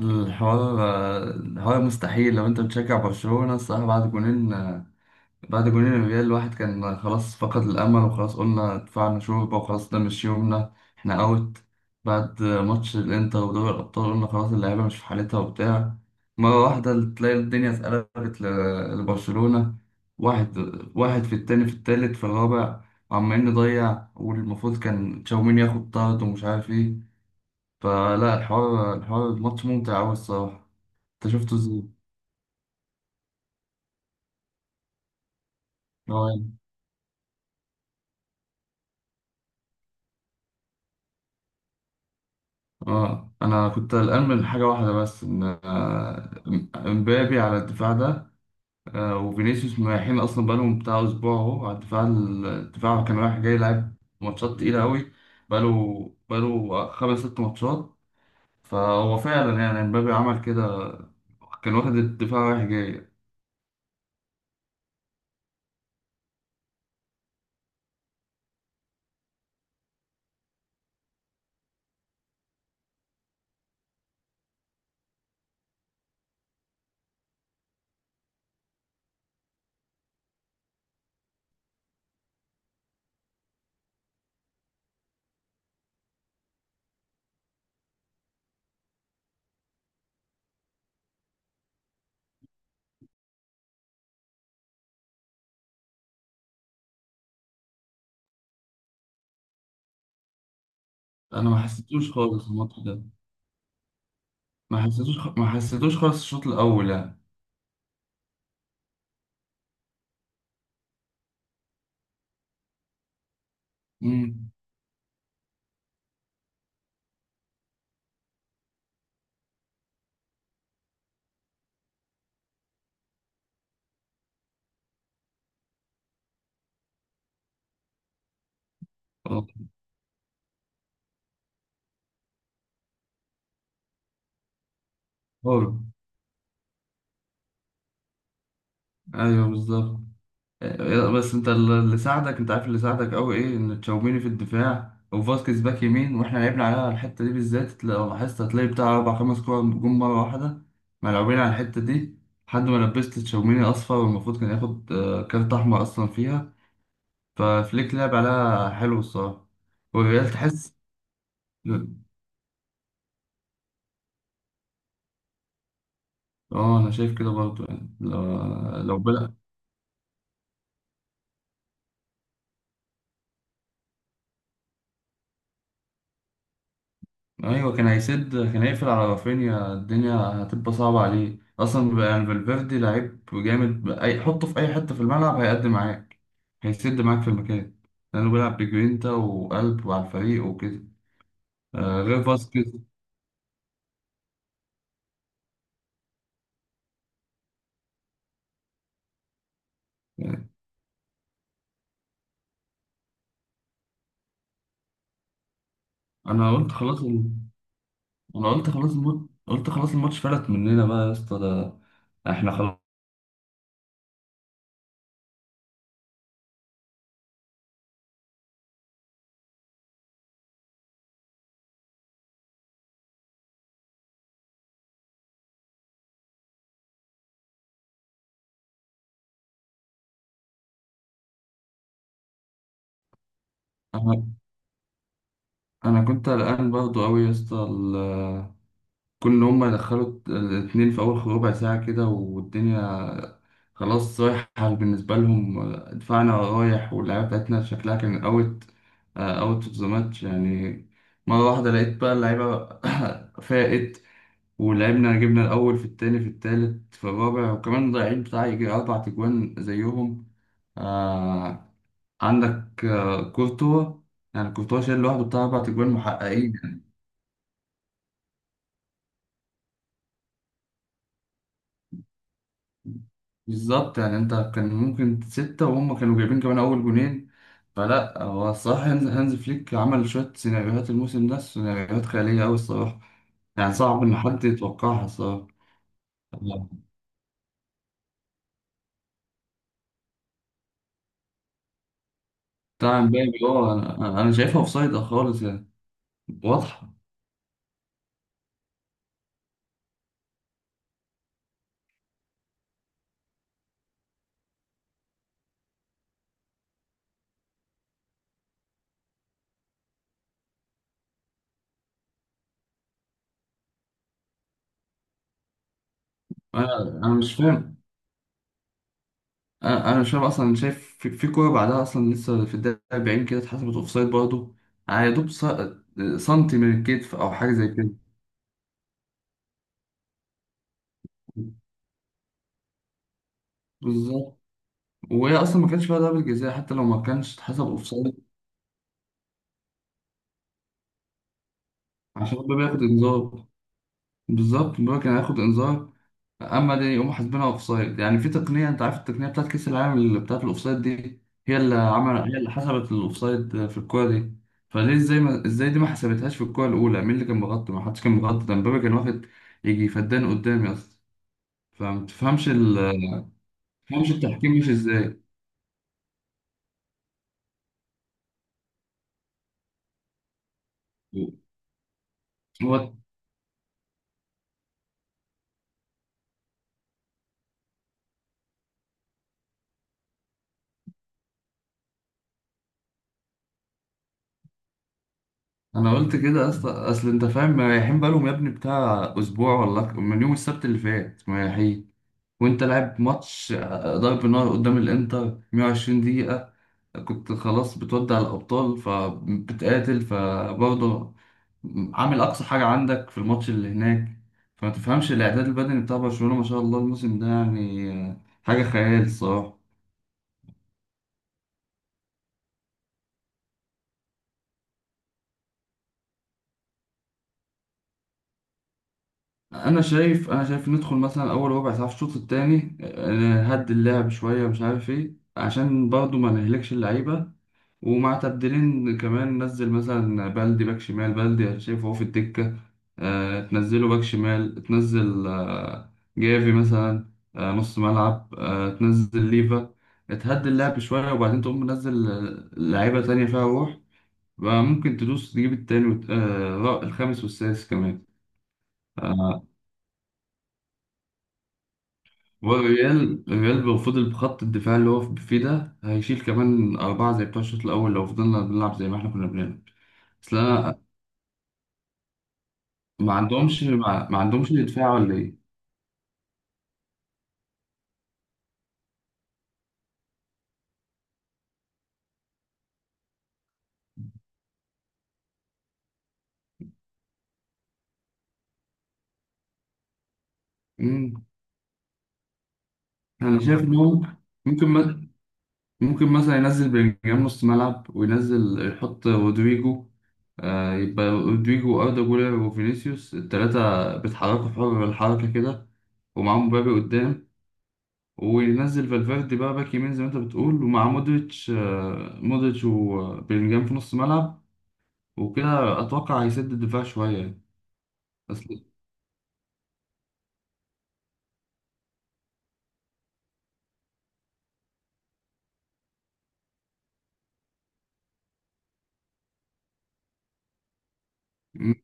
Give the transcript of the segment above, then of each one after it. الحوار مستحيل لو انت بتشجع برشلونة، الصراحة بعد جونين. الريال الواحد كان خلاص فقد الأمل، وخلاص قلنا دفعنا شوربة، وخلاص ده مش يومنا، احنا أوت. بعد ماتش الإنتر ودوري الأبطال قلنا خلاص اللعيبة مش في حالتها وبتاع. مرة واحدة تلاقي الدنيا اتقلبت لبرشلونة. واحد، واحد في التاني، في التالت، في الرابع، وعمالين نضيع، والمفروض كان تشاوميني ياخد طرد ومش عارف ايه. فلا، الحوار ماتش ممتع أوي الصراحة. انت شفته ازاي؟ اه يعني. اه، انا كنت قلقان من حاجه واحده بس، ان امبابي على الدفاع ده، وفينيسيوس مريحين اصلا بقالهم بتاع اسبوع اهو، على الدفاع كان رايح جاي، لعب ماتشات تقيله قوي. بقاله خمس ست ماتشات. فهو فعلا يعني امبابي عمل كده، كان واخد الدفاع رايح جاي. انا ما حسيتوش خالص الماتش ده، ما حسيتوش خالص الشوط الاول يعني. امم. اه، ايوه، بالظبط. بس انت اللي ساعدك، انت عارف اللي ساعدك قوي ايه؟ ان تشاوميني في الدفاع وفاسكيز باك يمين، واحنا لعبنا عليها الحته دي بالذات. لو لاحظت هتلاقي بتاع اربع خمس كور جم مره واحده، ملعوبين على الحته دي لحد ما لبست تشاوميني اصفر، والمفروض كان ياخد كارت احمر اصلا فيها. ففليك لعب عليها حلو الصراحه. والريال تحس. اه، انا شايف كده برضه يعني، لو بلا. ايوه، كان هيسد، كان هيقفل على رافينيا، الدنيا هتبقى صعبه عليه اصلا بقى يعني. فالفيردي لعيب جامد، اي حطه في اي حته في الملعب هيقدم معاك، هيسد معاك في المكان، لانه بيلعب بجرينتا وقلب وعلى الفريق وكده. غير فاسكيز. يعني انا قلت خلاص ال... انا قلت خلاص الم... قلت خلاص الماتش فلت مننا بقى يا اسطى، ده احنا خلاص. انا أنا كنت قلقان برضه قوي يا اسطى، كون إن هما يدخلوا الاتنين في أول ربع ساعة كده والدنيا خلاص رايحة بالنسبة لهم. دفاعنا رايح واللعيبة بتاعتنا شكلها كان أوت أوف ذا ماتش يعني. مرة واحدة لقيت بقى اللعيبة فاقت، ولعبنا، جبنا الأول، في التاني، في التالت، في الرابع، وكمان ضايعين بتاع يجي أربع تجوان زيهم. آه، عندك كورتوا، يعني كورتوا شايل لوحده بتاع أربع تجوان محققين. بالظبط، يعني انت كان ممكن ستة، وهم كانوا جايبين كمان أول جونين. فلا، هو الصراحة هانز فليك عمل شوية سيناريوهات الموسم ده سيناريوهات خيالية أوي الصراحة، يعني صعب إن حد يتوقعها الصراحة. الله. بتاع امبابي، اه، أنا شايفها أوفسايد خالص يعني. واضحة. أنا مش فاهم، أنا مش فاهم أصلا. أنا شايف في كورة بعدها أصلا لسه في الدقيقة 40 كده اتحسبت أوفسايد برضه. يعني يا دوب سنتي من الكتف أو حاجة زي كده. بالظبط. وهي اصلا ما كانش فيها ضربه جزاء، حتى لو ما كانش اتحسب اوفسايد عشان الباب ياخد انذار. بالظبط، الباب كان هياخد انذار. اما دي يقوموا حاسبينها اوفسايد؟ يعني في تقنيه، انت عارف التقنيه بتاعت كاس العالم اللي بتاعت الاوفسايد دي، هي اللي عمل، هي اللي حسبت الاوفسايد في الكوره دي. فليه؟ ازاي دي ما حسبتهاش في الكوره الاولى؟ مين اللي كان مغطي؟ ما حدش كان مغطي، ده مبابي كان واخد يجي فدان قدامي اصلا. فما تفهمش ال... ما تفهمش التحكيم مش ازاي. هو انا قلت كده اصلا، اصل انت فاهم مريحين بقالهم يا ابني بتاع اسبوع، ولا من يوم السبت اللي فات مريحين، وانت لاعب ماتش ضرب نار قدام الانتر 120 دقيقة، كنت خلاص بتودع الابطال فبتقاتل، فبرضه عامل اقصى حاجة عندك في الماتش اللي هناك. فما تفهمش الاعداد البدني بتاع برشلونة ما شاء الله الموسم ده يعني حاجة خيال الصراحة. انا شايف ندخل مثلا اول ربع ساعه في الشوط الثاني، نهدي اللعب شويه مش عارف ايه عشان برضو ما نهلكش اللعيبه، ومع تبديلين كمان نزل مثلا بلدي باك شمال، بلدي أنا شايفه هو في الدكه، تنزله باك شمال، تنزل جافي مثلا نص ملعب، تنزل ليفا، تهدي اللعب شويه وبعدين تقوم منزل لعيبه تانية فيها روح، بقى ممكن تدوس تجيب التاني الخامس والسادس كمان. آه، والريال لو فضل بخط الدفاع اللي هو فيه ده هيشيل كمان أربعة زي بتوع الشوط الأول لو فضلنا بنلعب زي ما إحنا كنا بنلعب. أصل أنا ما عندهمش، دفاع ولا إيه؟ مم. أنا شايف إن هو ممكن م- ممكن مثلا ينزل بلينجهام نص ملعب، وينزل يحط رودريجو، آه، يبقى رودريجو وأردا جولر وفينيسيوس التلاتة بيتحركوا في حر الحركة كده، ومعاهم مبابي قدام، وينزل فالفيردي بقى باك يمين زي ما انت بتقول، ومع مودريتش مودريتش وبيلينجهام في نص ملعب، وكده اتوقع هيسد الدفاع شويه يعني. بس م-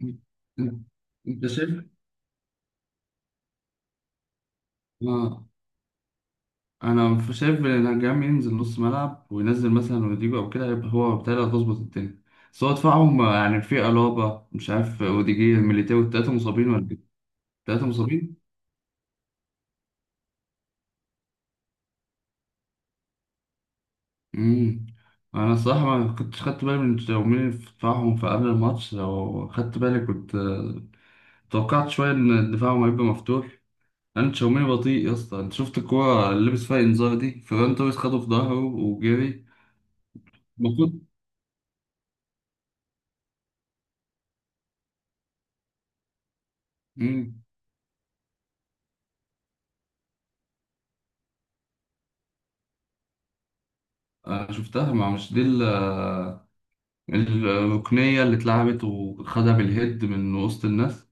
م- انت انت شايف آه، انا شايف بيلينجهام ينزل نص ملعب وينزل مثلا رودريجو او كده، يبقى هو بالتالي هتظبط الدنيا. بس هو دفاعهم يعني في الابا، مش عارف، اوديجير ميليتاو التلاته مصابين ولا ايه؟ التلاته مصابين. امم. انا الصراحه ما كنتش خدت بالي من تمرير دفاعهم في قبل الماتش، لو خدت بالي كنت توقعت شويه ان دفاعهم هيبقى مفتوح. انا تشاوميني بطيء يا اسطى، انت شفت الكوره اللي لبس فيها انذار دي، فيران توريس خده في ظهره وجري، المفروض. امم. انا شفتها، ما مش دي الركنيه اللي اتلعبت وخدها بالهيد من وسط الناس.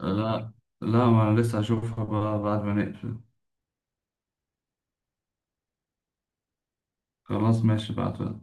لا، لا، ما انا لسه هشوفها بقى بعد ما نقفل. خلاص ماشي بعد.